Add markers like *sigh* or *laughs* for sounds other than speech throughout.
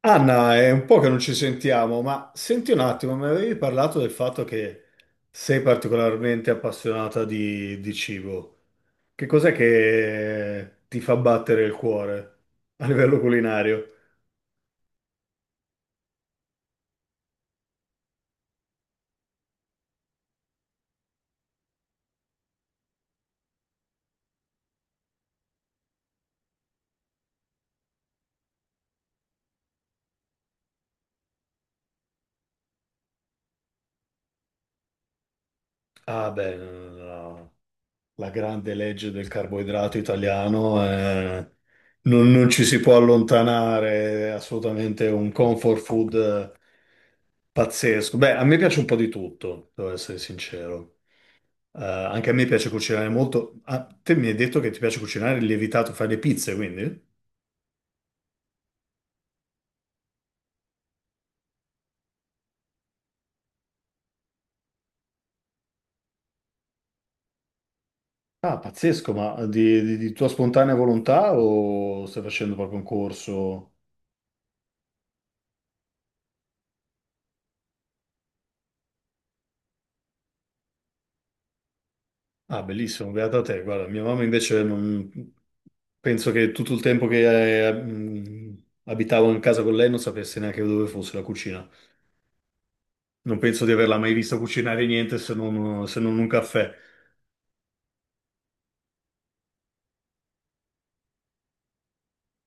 Anna, è un po' che non ci sentiamo, ma senti un attimo, mi avevi parlato del fatto che sei particolarmente appassionata di cibo. Che cos'è che ti fa battere il cuore a livello culinario? Ah, beh, no, no, no. La grande legge del carboidrato italiano, non ci si può allontanare, è assolutamente un comfort food pazzesco. Beh, a me piace un po' di tutto, devo essere sincero. Anche a me piace cucinare molto. Ah, te mi hai detto che ti piace cucinare il lievitato, fai le pizze, quindi? Ah, pazzesco, ma di tua spontanea volontà o stai facendo proprio un corso? Ah, bellissimo, beata te. Guarda, mia mamma invece penso che tutto il tempo che abitavo in casa con lei non sapesse neanche dove fosse la cucina. Non penso di averla mai vista cucinare niente se non un caffè.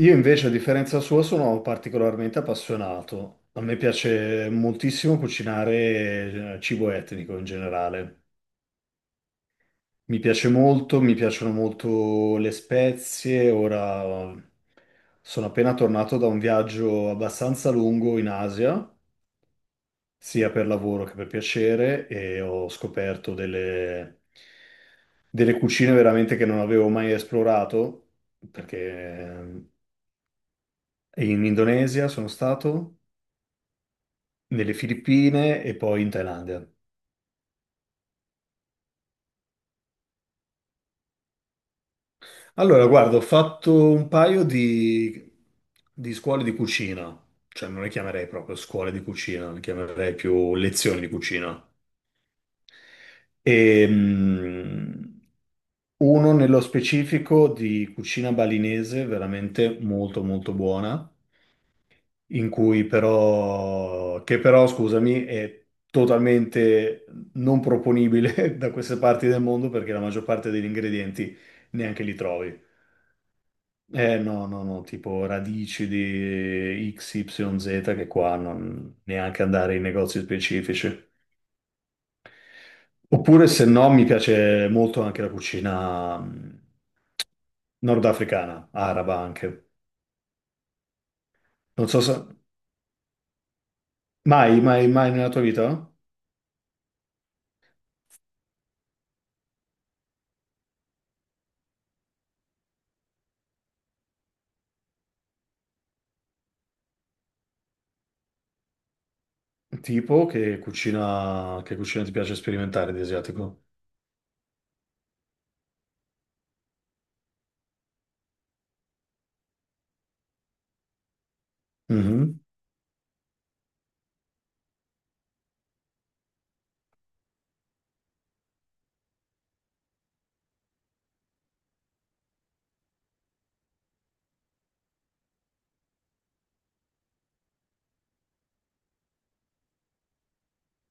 Io invece, a differenza sua, sono particolarmente appassionato. A me piace moltissimo cucinare cibo etnico in generale. Mi piace molto, mi piacciono molto le spezie. Ora sono appena tornato da un viaggio abbastanza lungo in Asia, sia per lavoro che per piacere, e ho scoperto delle cucine veramente che non avevo mai esplorato, perché in Indonesia sono stato nelle Filippine e poi in Thailandia. Allora, guarda, ho fatto un paio di scuole di cucina, cioè non le chiamerei proprio scuole di cucina, le chiamerei più lezioni di cucina. E, mm, Uno nello specifico di cucina balinese, veramente molto molto buona, in cui però, che però, scusami, è totalmente non proponibile *laughs* da queste parti del mondo perché la maggior parte degli ingredienti neanche li trovi. Eh no, no, no, tipo radici di XYZ che qua non neanche andare in negozi specifici. Oppure se no mi piace molto anche la cucina nordafricana, araba anche. Non so se. Mai, mai, mai nella tua vita? Tipo che cucina ti piace sperimentare di asiatico? Mhm.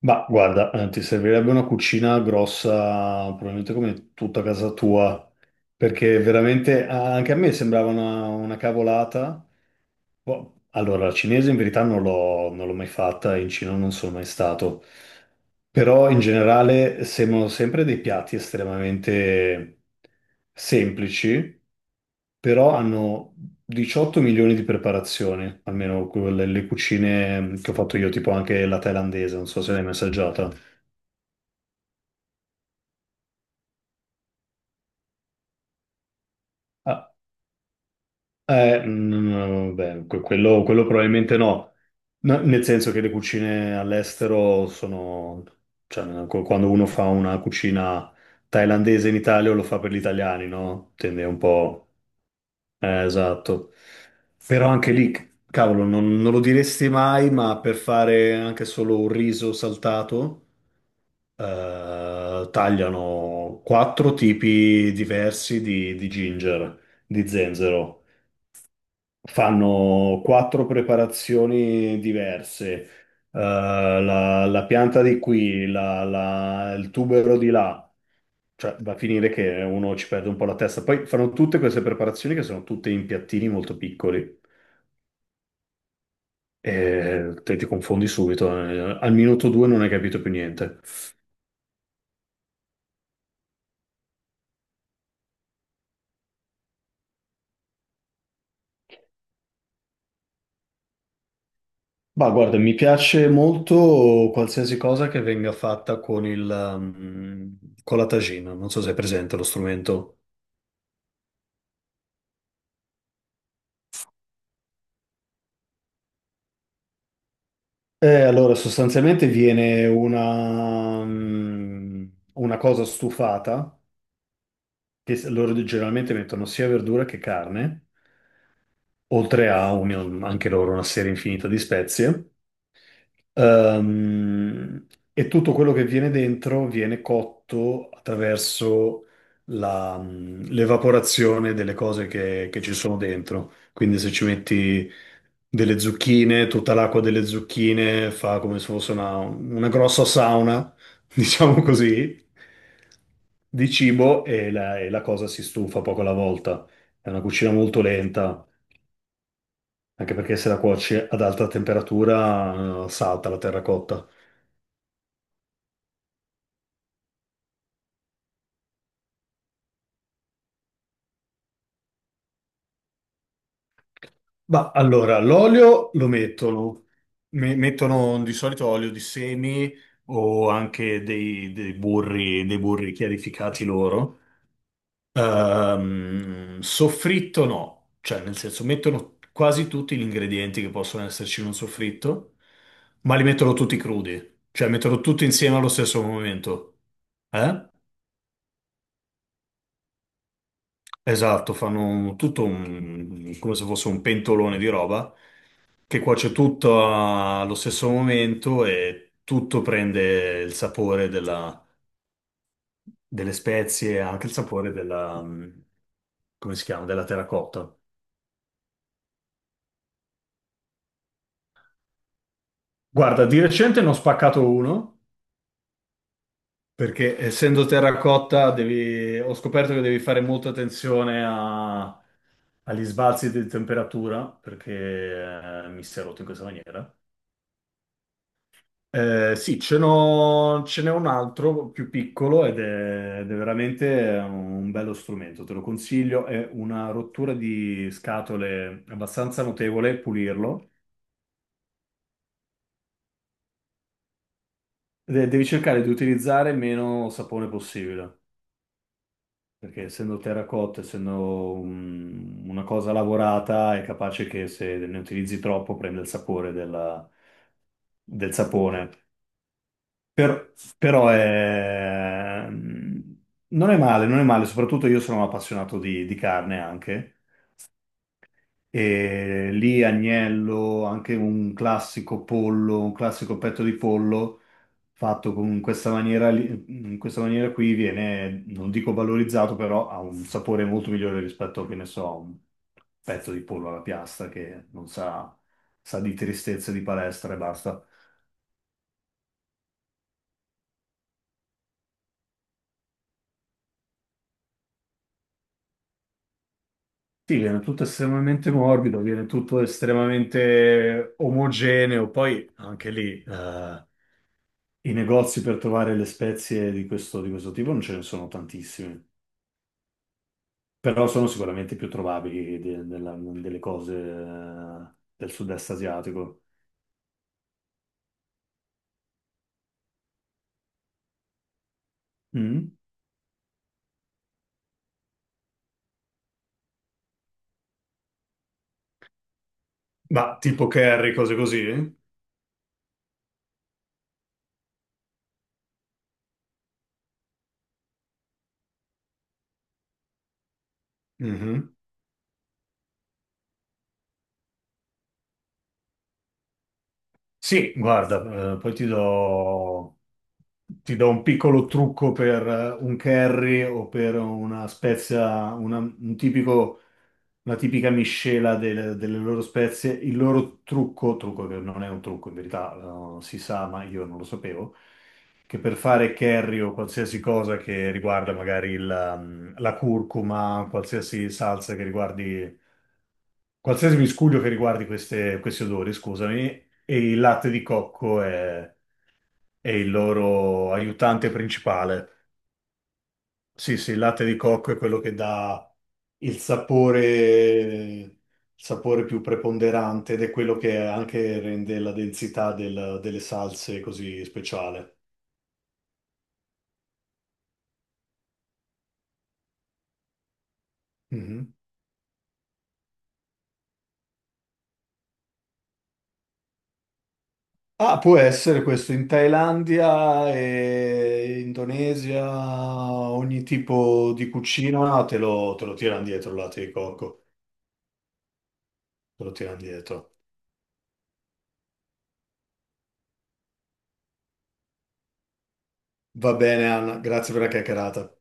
Ma guarda, ti servirebbe una cucina grossa, probabilmente come tutta casa tua, perché veramente anche a me sembrava una cavolata. Boh. Allora, la cinese in verità non l'ho mai fatta, in Cina non sono mai stato, però in generale sembrano sempre dei piatti estremamente semplici, però hanno 18 milioni di preparazioni, almeno quelle, le cucine che ho fatto io, tipo anche la thailandese, non so se l'hai mai assaggiata. Ah, no, no, no, beh, quello probabilmente no. No, nel senso che le cucine all'estero sono, cioè, quando uno fa una cucina thailandese in Italia lo fa per gli italiani, no? Tende un po', esatto. Però anche lì, cavolo, non lo diresti mai, ma per fare anche solo un riso saltato, tagliano quattro tipi diversi di ginger, di zenzero. Fanno quattro preparazioni diverse. La pianta di qui, il tubero di là, cioè va a finire che uno ci perde un po' la testa. Poi fanno tutte queste preparazioni che sono tutte in piattini molto piccoli. E te ti confondi subito, al minuto due non hai capito più niente. Ma guarda, mi piace molto qualsiasi cosa che venga fatta con con la tagina. Non so se è presente lo strumento. Allora, sostanzialmente viene una cosa stufata, che loro generalmente mettono sia verdura che carne, oltre a anche loro una serie infinita di spezie. Ehm, e tutto quello che viene dentro viene cotto attraverso l'evaporazione delle cose che ci sono dentro. Quindi se ci metti delle zucchine, tutta l'acqua delle zucchine fa come se fosse una grossa sauna, *laughs* diciamo così, di cibo e la cosa si stufa poco alla volta. È una cucina molto lenta, anche perché se la cuoci ad alta temperatura, salta la terracotta. Ma allora, l'olio lo mettono. Mettono di solito olio di semi o anche dei burri, dei burri chiarificati loro. Soffritto no, cioè nel senso mettono quasi tutti gli ingredienti che possono esserci in un soffritto, ma li mettono tutti crudi, cioè mettono tutti insieme allo stesso momento. Eh? Esatto, fanno tutto un, come se fosse un pentolone di roba che cuoce tutto allo stesso momento e tutto prende il sapore delle spezie, e anche il sapore come si chiama, della terracotta. Guarda, di recente ne ho spaccato uno perché essendo terracotta ho scoperto che devi fare molta attenzione agli sbalzi di temperatura perché mi si è rotto in questa maniera. Sì, ce n'è un altro più piccolo ed è, veramente un bello strumento, te lo consiglio, è una rottura di scatole abbastanza notevole, pulirlo. Devi cercare di utilizzare meno sapone possibile, perché essendo terracotta, essendo una cosa lavorata, è capace che se ne utilizzi troppo prende il sapore del sapone. Però è, non è male, non è male, soprattutto io sono un appassionato di carne anche, e lì agnello, anche un classico pollo, un classico petto di pollo, fatto in questa maniera, in questa maniera qui viene, non dico valorizzato, però ha un sapore molto migliore rispetto, che ne so, a un pezzo di pollo alla piastra che non sa, sa di tristezza di palestra e basta. Sì, viene tutto estremamente morbido, viene tutto estremamente omogeneo. Poi anche lì i negozi per trovare le spezie di questo, tipo non ce ne sono tantissime, però sono sicuramente più trovabili delle cose del sud-est asiatico. Mm. Ma tipo curry, cose così? Mhm. Sì, guarda, poi ti do, un piccolo trucco per un curry o per una spezia, un tipico. Una tipica miscela delle loro spezie, il loro trucco che non è un trucco in verità, si sa, ma io non lo sapevo, che per fare curry o qualsiasi cosa che riguarda magari la curcuma, qualsiasi salsa che riguardi, qualsiasi miscuglio che riguardi questi odori, scusami, e il latte di cocco è il loro aiutante principale. Sì, sì, il latte di cocco è quello che dà il sapore più preponderante ed è quello che anche rende la densità delle salse così speciale. Mhm. Ah, può essere questo in Thailandia e Indonesia, ogni tipo di cucina no, te lo, tirano dietro il latte di cocco, te lo tirano dietro. Va bene, Anna, grazie per la chiacchierata.